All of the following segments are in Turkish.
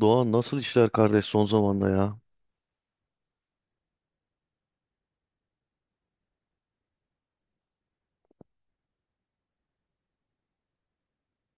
Doğan nasıl işler kardeş son zamanda ya?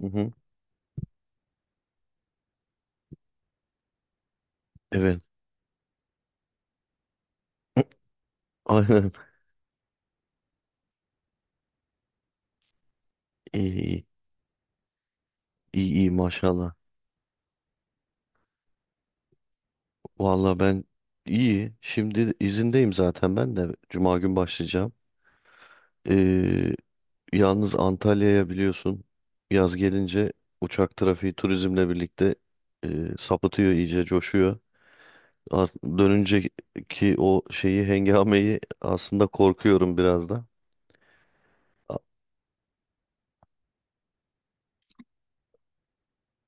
Hı hı. Evet. Aynen. İyi iyi. İyi iyi maşallah. Valla ben iyi. Şimdi izindeyim zaten ben de. Cuma gün başlayacağım. Ee, Yalnız Antalya'ya biliyorsun yaz gelince uçak trafiği turizmle birlikte e, sapıtıyor, iyice coşuyor. Art dönünce ki o şeyi, hengameyi aslında korkuyorum biraz da. A-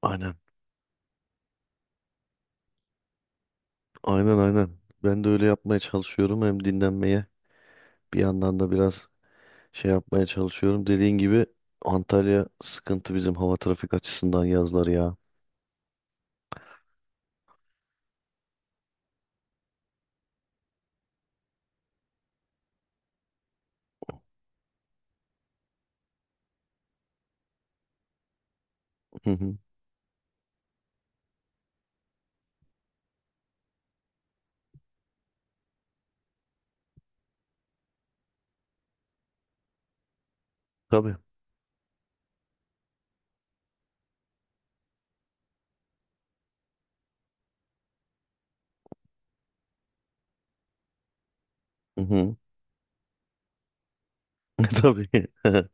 Aynen. Aynen aynen. Ben de öyle yapmaya çalışıyorum, hem dinlenmeye, bir yandan da biraz şey yapmaya çalışıyorum. Dediğin gibi Antalya sıkıntı bizim hava trafik açısından yazları ya. Hı hı. Tabii. Hı hı. Tabii.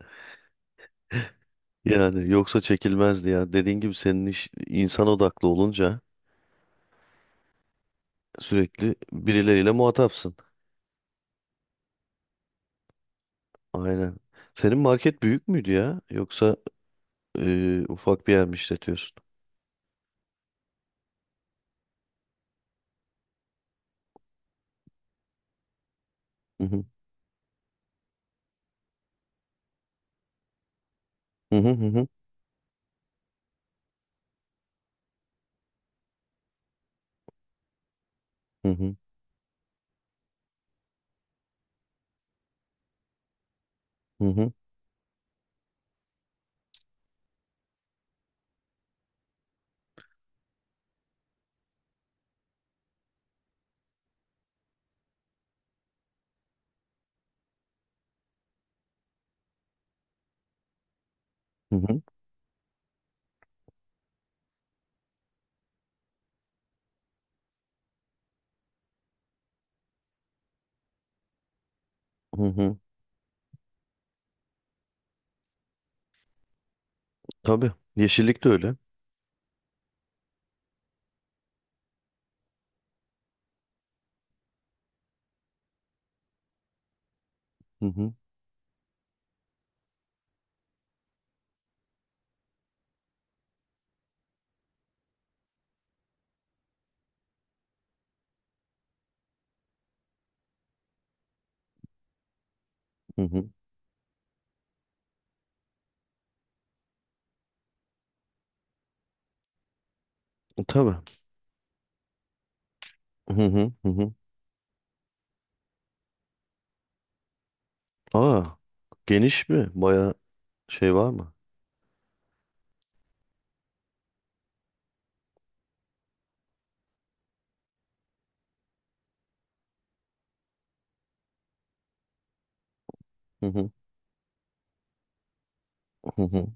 Yani yoksa çekilmezdi ya. Dediğin gibi senin iş insan odaklı olunca sürekli birileriyle muhatapsın. Aynen. Senin market büyük müydü ya? Yoksa ufak bir yer mi işletiyorsun? Hı hı. Hı hı hı hı. Hı hı. Hı hı. Hı hı. Hı hı. Tabii. Yeşillik de öyle. Hı hı. Hı hı. Tabii. Hı hı. Hı hı. Aa, geniş mi? Baya şey var mı? Hı hı, hı hı.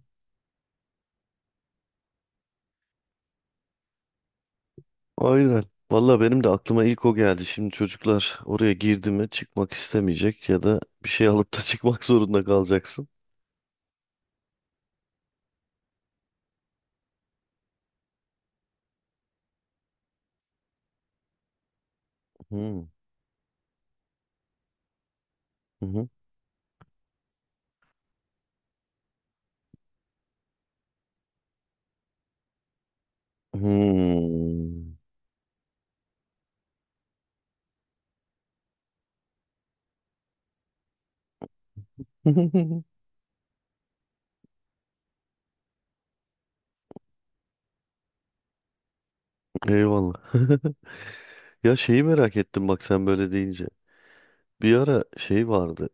Aynen. Valla benim de aklıma ilk o geldi. Şimdi çocuklar oraya girdi mi çıkmak istemeyecek ya da bir şey alıp da çıkmak zorunda kalacaksın. Hı hı hı. Hmm. Eyvallah. Ya şeyi merak ettim bak sen böyle deyince. Bir ara şey vardı.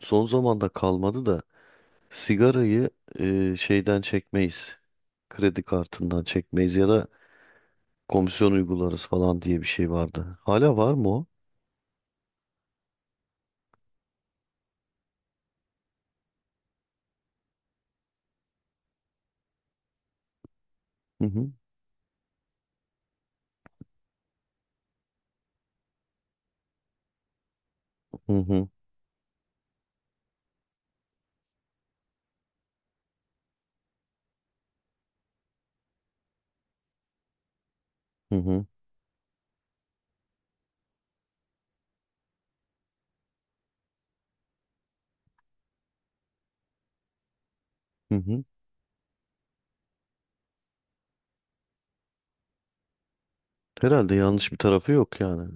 Son zamanda kalmadı da sigarayı şeyden çekmeyiz. Kredi kartından çekmeyiz ya da komisyon uygularız falan diye bir şey vardı. Hala var mı o? Hı hı. Hı hı. Hı hı. Hı hı. Herhalde yanlış bir tarafı yok yani.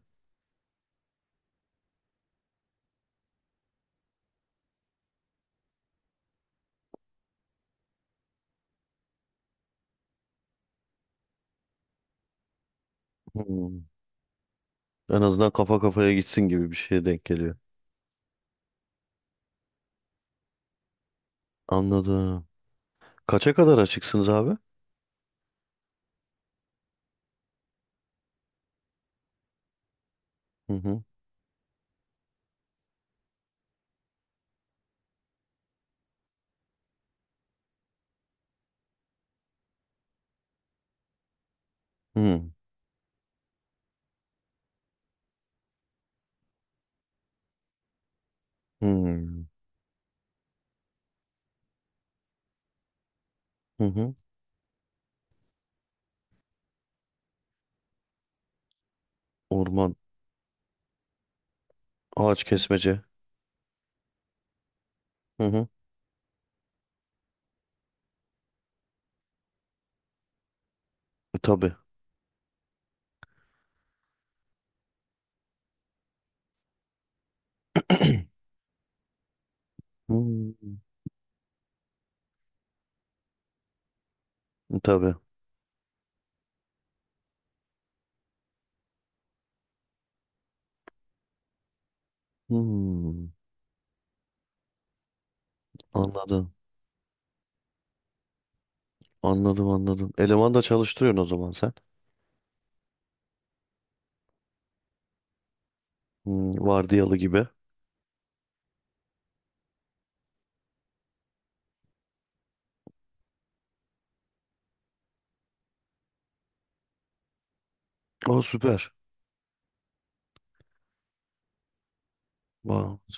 Hmm. En azından kafa kafaya gitsin gibi bir şeye denk geliyor. Anladım. Kaça kadar açıksınız abi? Hı hı. Hı hı. Hı hı. Orman, ağaç kesmece. Hı hı. Tabii. Hmm, tabii. Hmm, anladım. Anladım anladım. Eleman da çalıştırıyorsun o zaman sen. Hmm, vardiyalı gibi. Aa süper. Vay.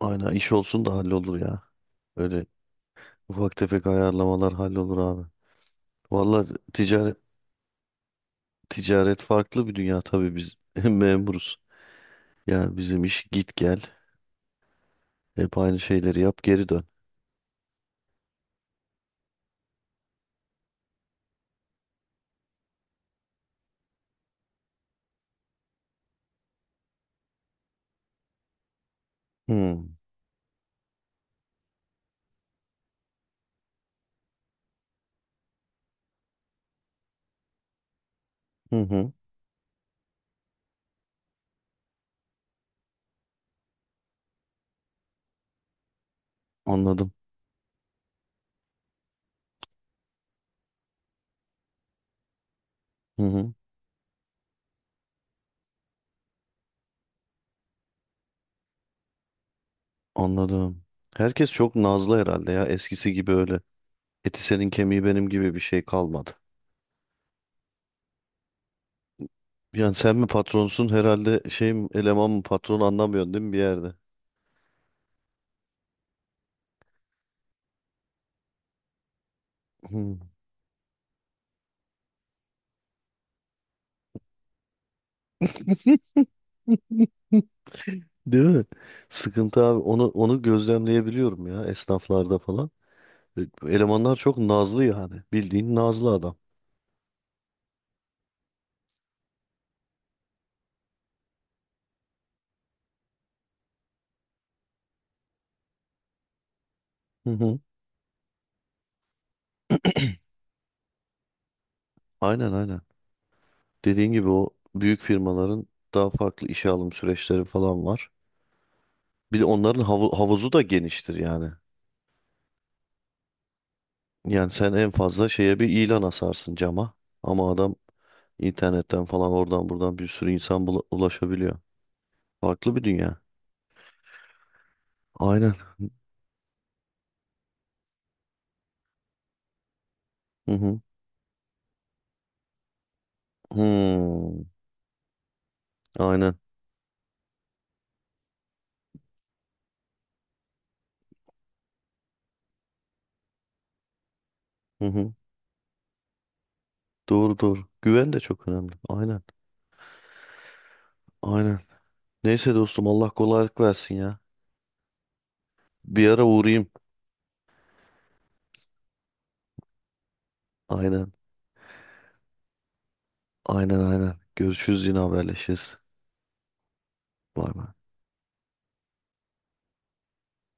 Aynen iş olsun da hallolur ya. Öyle ufak tefek ayarlamalar hallolur abi. Vallahi ticaret ticaret farklı bir dünya tabii biz memuruz. Yani bizim iş git gel. Hep aynı şeyleri yap geri dön. Hmm, hı hı. Anladım. Hı hı. Anladım. Herkes çok nazlı herhalde ya. Eskisi gibi öyle. Eti senin kemiği benim gibi bir şey kalmadı. Yani sen mi patronsun herhalde, şey mi, eleman mı patron, anlamıyorsun değil mi bir yerde? Hı. Değil mi? Sıkıntı abi. Onu gözlemleyebiliyorum ya esnaflarda falan. E, Elemanlar çok nazlı yani. Bildiğin nazlı adam. Hı hı. Aynen aynen. Dediğin gibi o büyük firmaların daha farklı işe alım süreçleri falan var. Bir de onların havuzu da geniştir yani. Yani sen en fazla şeye bir ilan asarsın cama. Ama adam internetten falan oradan buradan bir sürü insan ulaşabiliyor. Farklı bir dünya. Aynen. Hı hı. Hmm. Aynen. Hı hı. Doğru doğru. Güven de çok önemli. Aynen. Aynen. Neyse dostum Allah kolaylık versin ya. Bir ara uğrayayım. Aynen. Aynen aynen. Görüşürüz yine haberleşiriz. Bay bay.